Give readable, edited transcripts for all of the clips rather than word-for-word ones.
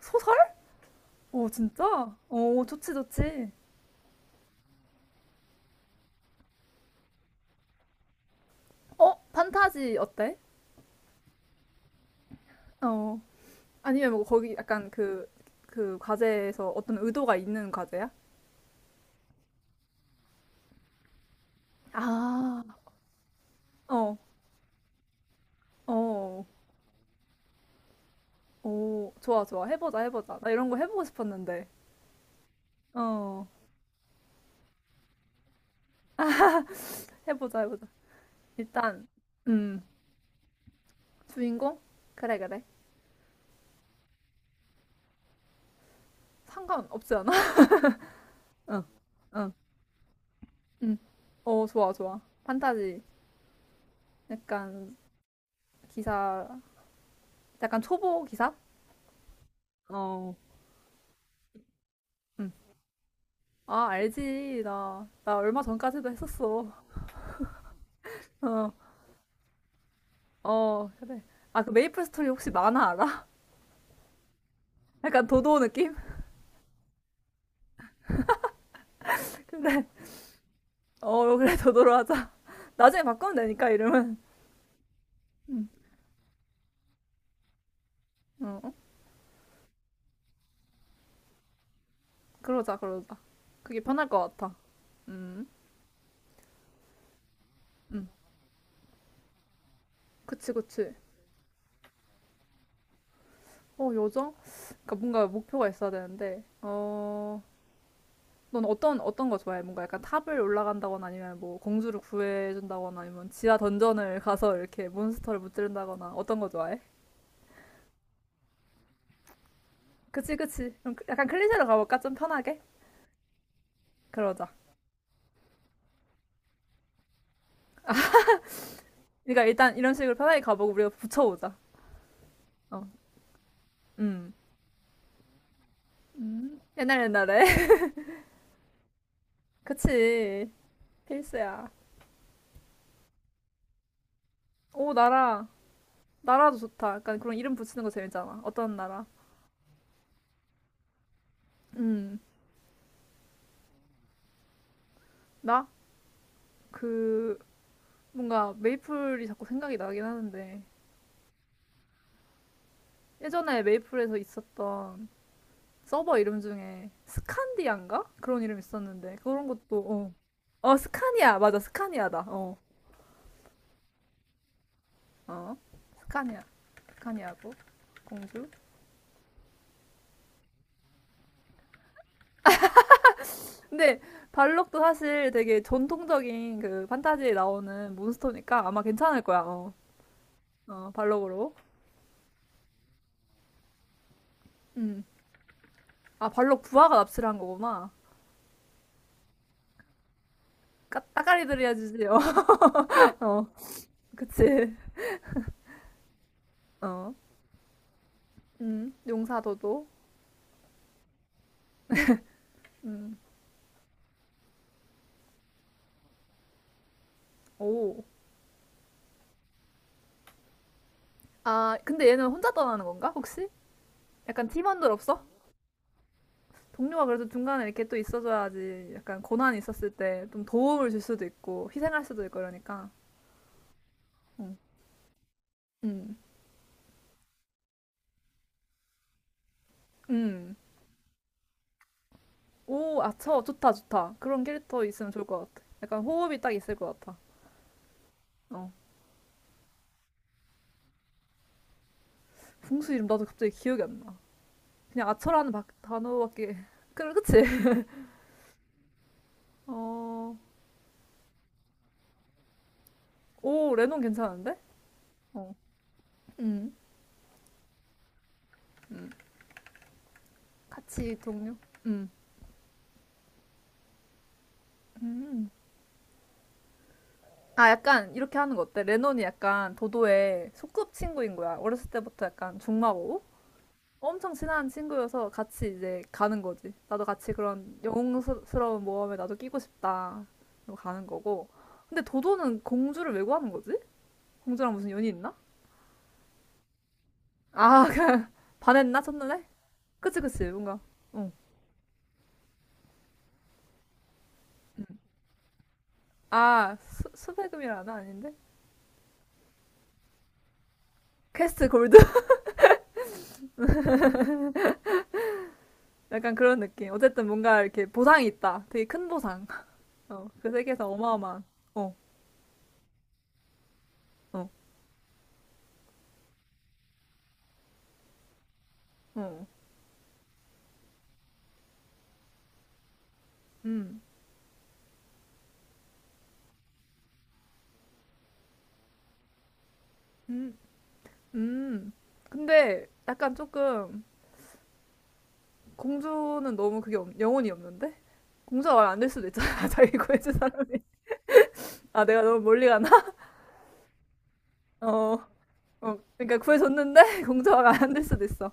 소설? 오, 진짜? 오, 좋지, 좋지. 판타지 어때? 어. 아니면 뭐 거기 약간 그 과제에서 어떤 의도가 있는 과제야? 아. 어, 어. 오, 좋아, 좋아. 해보자, 해보자. 나 이런 거 해보고 싶었는데. 어, 해보자, 해보자. 일단, 음, 주인공? 그래, 그래. 상관없지 않아? 어, 어, 음. 어, 좋아, 좋아. 판타지. 약간, 기사, 약간 초보 기사? 어. 음. 아, 알지. 나 얼마 전까지도 했었어. 어, 어, 그래. 아, 그 메이플 스토리 혹시 만화 알아? 약간 도도 느낌? 근데, 어, 그래, 도도로 하자. 나중에 바꾸면 되니까, 이름은. 응, 어, 어? 그러자, 그러자. 그게 편할 것 같아. 음, 음. 그치, 그치. 요정? 그러니까 뭔가 목표가 있어야 되는데, 넌 어떤 거 좋아해? 뭔가 약간 탑을 올라간다거나 아니면 뭐 공주를 구해준다거나 아니면 지하 던전을 가서 이렇게 몬스터를 무찌른다거나 어떤 거 좋아해? 그치, 그치. 그럼 약간 클리셰로 가볼까? 좀 편하게? 그러자. 그러니까 일단 이런 식으로 편하게 가보고 우리가 붙여보자. 어, 음. 음. 옛날 옛날에. 그치. 필수야. 오, 나라. 나라도 좋다. 약간 그런 이름 붙이는 거 재밌잖아. 어떤 나라? 음. 나? 그, 뭔가 메이플이 자꾸 생각이 나긴 하는데. 예전에 메이플에서 있었던 서버 이름 중에 스칸디안가? 그런 이름 있었는데. 그런 것도, 어. 어, 스카니아. 맞아, 스카니아다. 어. 어, 스카니아, 스카니아고 공주. 근데 발록도 사실 되게 전통적인 그 판타지에 나오는 몬스터니까 아마 괜찮을 거야. 어, 어 발록으로. 음. 아, 발록 부하가 납치를 한 거구나. 따까리들이 해주지. 어, 어, 그치. 어, 용사도도. 음, 오. 아, 근데 얘는 혼자 떠나는 건가? 혹시? 약간 팀원들 없어? 동료가 그래도 중간에 이렇게 또 있어줘야지 약간 고난이 있었을 때 좀 도움을 줄 수도 있고 희생할 수도 있고 이러니까 음, 음, 음. 오, 아, 저 좋다, 좋다. 그런 캐릭터 있으면 좋을 것 같아. 약간 호흡이 딱 있을 것 같아. 어, 궁수 이름 나도 갑자기 기억이 안 나. 그냥 아처라는 단어밖에. 그럼 그치? 어, 오, 레논 괜찮은데? 어, 음, 음. 같이 동료? 음, 음. 아, 약간 이렇게 하는 거 어때? 레논이 약간 도도의 소꿉친구인 거야. 어렸을 때부터 약간 중마고 엄청 친한 친구여서 같이 이제 가는 거지. 나도 같이 그런 영웅스러운 모험에 나도 끼고 싶다. 그고 가는 거고. 근데 도도는 공주를 왜 구하는 거지? 공주랑 무슨 연이 있나? 아, 그냥 반했나? 첫눈에? 그치, 그치. 뭔가. 아, 수배금이라나? 아닌데? 퀘스트 골드? 약간 그런 느낌. 어쨌든 뭔가 이렇게 보상이 있다. 되게 큰 보상. 어, 그 세계에서 어마어마한. 어, 어, 어. 음, 음, 음. 근데 약간 조금 공주는 너무 그게 영혼이 없는데? 공주가 말 안 될 수도 있잖아. 자기 구해준 사람이. 아, 내가 너무 멀리 가나? 어, 어. 그러니까 구해줬는데 공주가 말 안 될 수도 있어.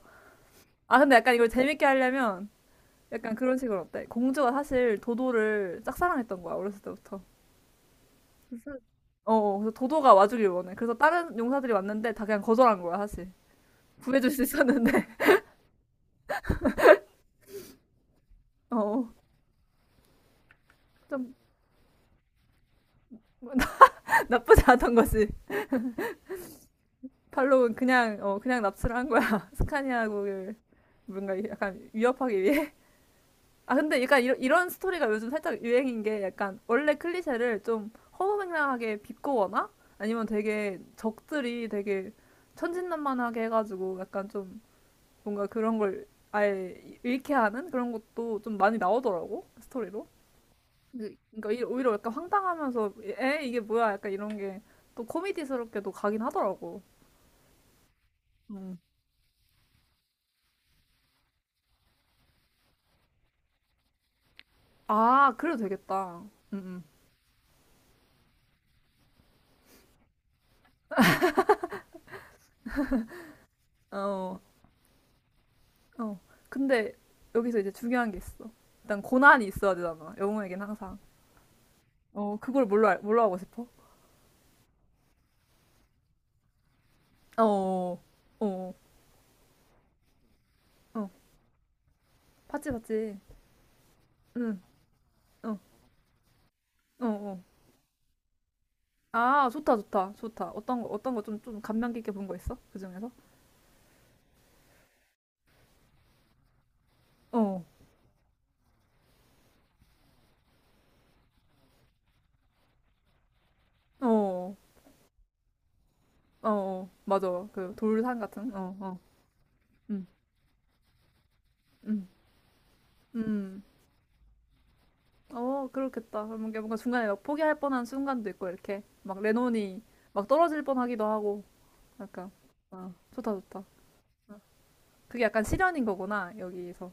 아, 근데 약간 이걸 재밌게 하려면 약간 그런 식으로 어때? 공주가 사실 도도를 짝사랑했던 거야, 어렸을 때부터. 그래서- 어, 어. 그래서 도도가 와주길 원해. 그래서 다른 용사들이 왔는데 다 그냥 거절한 거야, 사실. 구해줄 수 있었는데. 어, 좀 나, 나쁘지 않던 거지. 팔로는 그냥 그냥 납치를 한 거야. 스카니아국을 뭔가 약간 위협하기 위해. 아 근데 약간 이런 스토리가 요즘 살짝 유행인 게 약간 원래 클리셰를 좀 허무맹랑하게 비꼬거나 아니면 되게 적들이 되게 천진난만하게 해가지고 약간 좀 뭔가 그런 걸 아예 잃게 하는 그런 것도 좀 많이 나오더라고 스토리로. 그러니까 오히려 약간 황당하면서 에 이게 뭐야 약간 이런 게 또 코미디스럽게도 가긴 하더라고. 음. 아, 그래도 되겠다. 음, 어, 어. 근데 여기서 이제 중요한 게 있어. 일단 고난이 있어야 되잖아. 영웅에겐 항상. 어, 그걸 뭘로, 뭘로 하고 싶어? 어, 어, 어, 어. 봤지, 봤지. 응, 어, 어, 어. 아, 좋다, 좋다, 좋다. 어떤 거, 어떤 거 좀 감명 깊게 본 거 있어? 그 중에서? 어, 어, 어, 어. 맞아. 그 돌산 같은? 어, 어. 음, 음, 음. 그렇겠다. 그러면 이게 뭔가 중간에 막 포기할 뻔한 순간도 있고, 이렇게. 막 레논이 막 떨어질 뻔하기도 하고, 약간. 아, 좋다, 좋다. 아, 그게 약간 실현인 거구나, 여기서.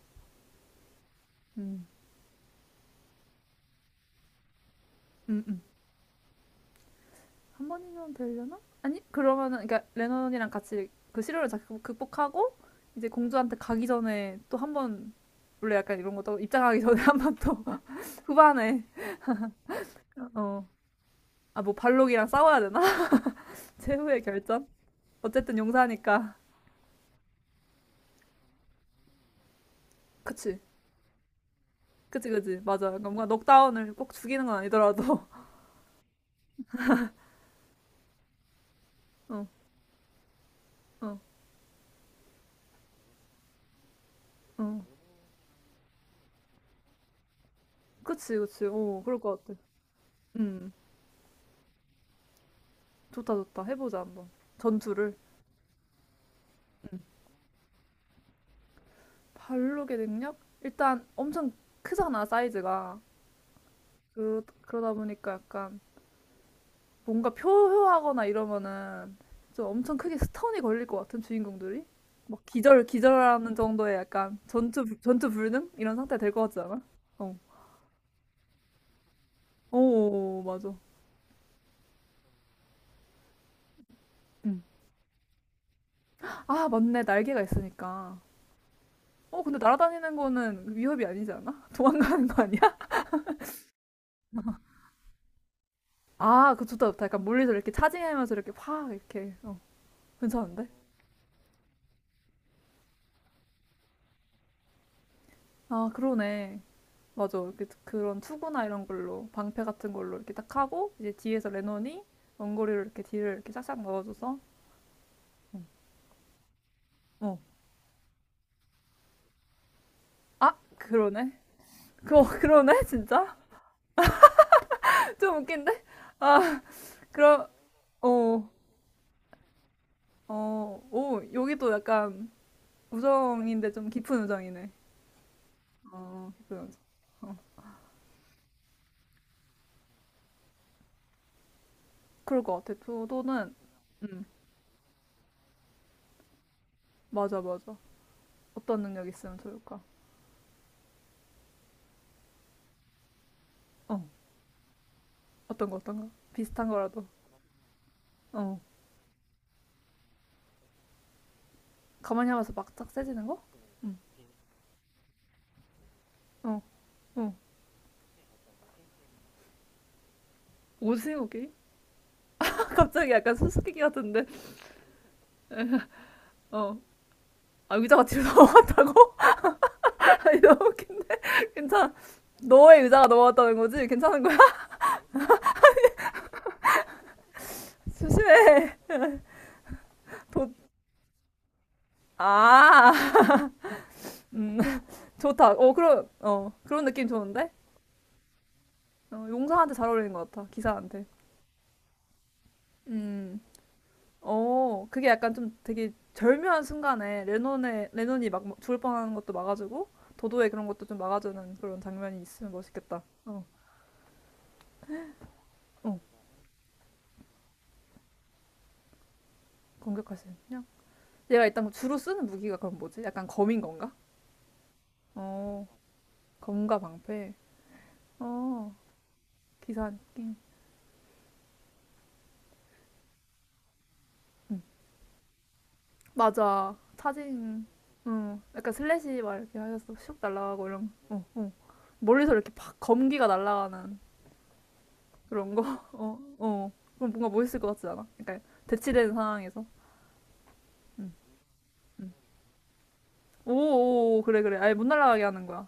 음, 음, 음. 한 번이면 되려나? 아니, 그러면은, 그러니까 레논이랑 같이 그 시련을 극복하고, 이제 공주한테 가기 전에 또 한 번, 원래 약간 이런 것도 입장하기 전에 한 번 또, 후반에, 어. 아, 뭐 발록이랑 싸워야 되나? 최후의 결전? 어쨌든 용사니까. 그치. 그치, 그치. 맞아. 그러니까 뭔가 넉다운을 꼭 죽이는 건 아니더라도. 어, 어, 어. 그치, 그치. 그럴 것 같아. 음, 좋다, 좋다. 해보자, 한번. 전투를. 발록의 능력? 일단 엄청 크잖아, 사이즈가. 그러다 보니까 약간 뭔가 표효하거나 이러면은 좀 엄청 크게 스턴이 걸릴 것 같은 주인공들이? 막 기절하는 정도의 약간 전투 불능? 이런 상태 될 것 같지 않아? 어. 오, 맞아. 음. 아, 맞네. 날개가 있으니까. 어, 근데 날아다니는 거는 위협이 아니지 않아? 도망가는 거 아니야? 아, 그 좋다, 좋다. 약간 멀리서 이렇게 차징하면서 이렇게 확, 이렇게. 어, 괜찮은데? 아, 그러네. 맞아. 이렇게 그런 투구나 이런 걸로, 방패 같은 걸로 이렇게 딱 하고, 이제 뒤에서 레논이 원거리로 이렇게 뒤를 이렇게 싹싹 넣어줘서. 어. 어. 아, 그러네. 그러네, 진짜? 좀 웃긴데? 아, 그럼, 어, 여기도 약간 우정인데 좀 깊은 우정이네. 어, 깊은 우정. 어. 그럴 것 같아. 도도는, 음, 맞아, 맞아. 어떤 능력 있으면 좋을까? 어, 어떤 거, 어떤 거? 비슷한 거라도. 어, 가만히 하면서 막짝 세지는 거? 응, 어, 어. 오징어 게임? 갑자기 약간 수수께끼 같은데. 어. 아, 의자가 뒤로 넘어갔다고? 아니, 너무 웃긴데? 괜찮아. 너의 의자가 넘어갔다는 거지? 괜찮은 거야? 조심해. 도, 아, 음, 좋다. 그런 느낌 좋은데? 용사한테 잘 어울리는 것 같아. 기사한테. 음. 그게 약간 좀 되게 절묘한 순간에 레논의 레논이 막 뭐 죽을 뻔하는 것도 막아주고 도도의 그런 것도 좀 막아주는 그런 장면이 있으면 멋있겠다. 어, 공격할 수 있냐? 얘가 일단 뭐 주로 쓰는 무기가 그럼 뭐지? 약간 검인 건가? 어, 검과 방패. 어, 기사님. 응, 맞아. 차징. 응, 약간 슬래시 막 이렇게 하셔서 슉 날아가고 이런. 어, 어. 멀리서 이렇게 팍 검기가 날아가는 그런 거. 어, 어. 그럼 뭔가 멋있을 것 같지 않아? 그러니까 대치되는 상황에서. 오, 오, 그래, 그래. 아예 못 날아가게 하는 거야.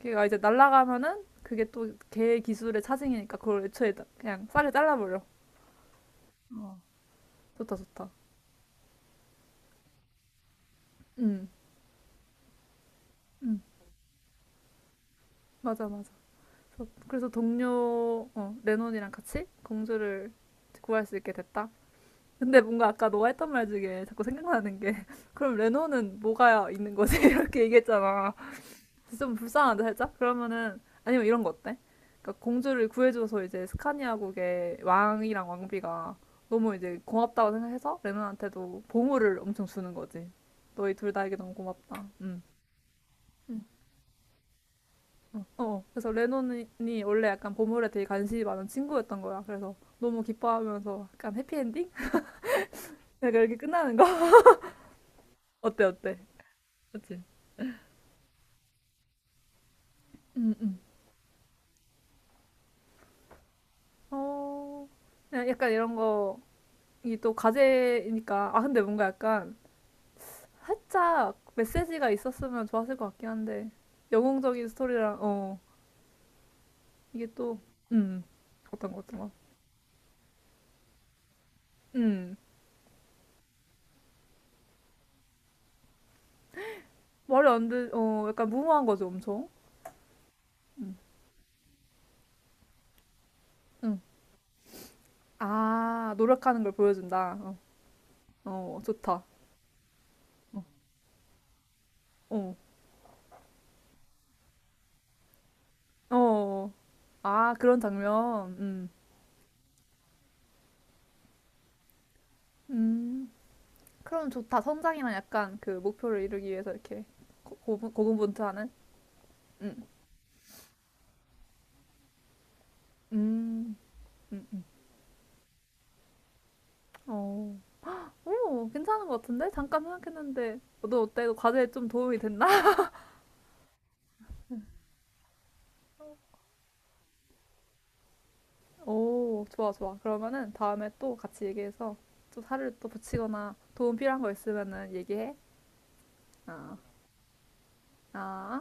걔가 이제 날아가면은 그게 또 걔 기술의 차징이니까 그걸 애초에 그냥 쌀을 잘라버려. 좋다, 좋다. 응, 응. 맞아, 맞아. 그래서 동료, 레논이랑 같이 공주를 구할 수 있게 됐다. 근데 뭔가 아까 너가 했던 말 중에 자꾸 생각나는 게 그럼 레논은 뭐가 있는 거지? 이렇게 얘기했잖아. 좀 불쌍한데 살짝? 그러면은 아니면 이런 거 어때? 그러니까 공주를 구해줘서 이제 스카니아국의 왕이랑 왕비가 너무 이제 고맙다고 생각해서 레논한테도 보물을 엄청 주는 거지. 너희 둘 다에게 너무 고맙다. 음. 어, 그래서 레논이 원래 약간 보물에 되게 관심이 많은 친구였던 거야. 그래서 너무 기뻐하면서 약간 해피엔딩? 약간 이렇게 끝나는 거? 어때, 어때? 그치? 응 응 어, 그냥 약간 이런 거, 이게 또 과제니까. 아, 근데 뭔가 약간 살짝 메시지가 있었으면 좋았을 것 같긴 한데 영웅적인 스토리랑 어 이게 또 음 어떤 것 같은 거음 말이 안돼어 약간 무모한 거죠 엄청 음음아 노력하는 걸 보여준다 어, 어 좋다 어어아 그런 장면 음음 그럼 좋다 성장이랑 약간 그 목표를 이루기 위해서 이렇게 고군분투하는 음음음어 오, 괜찮은 것 같은데? 잠깐 생각했는데, 너 어때? 너 과제에 좀 도움이 됐나? 오, 좋아, 좋아. 그러면은 다음에 또 같이 얘기해서 또 살을 또 붙이거나 도움 필요한 거 있으면은 얘기해. 아, 아.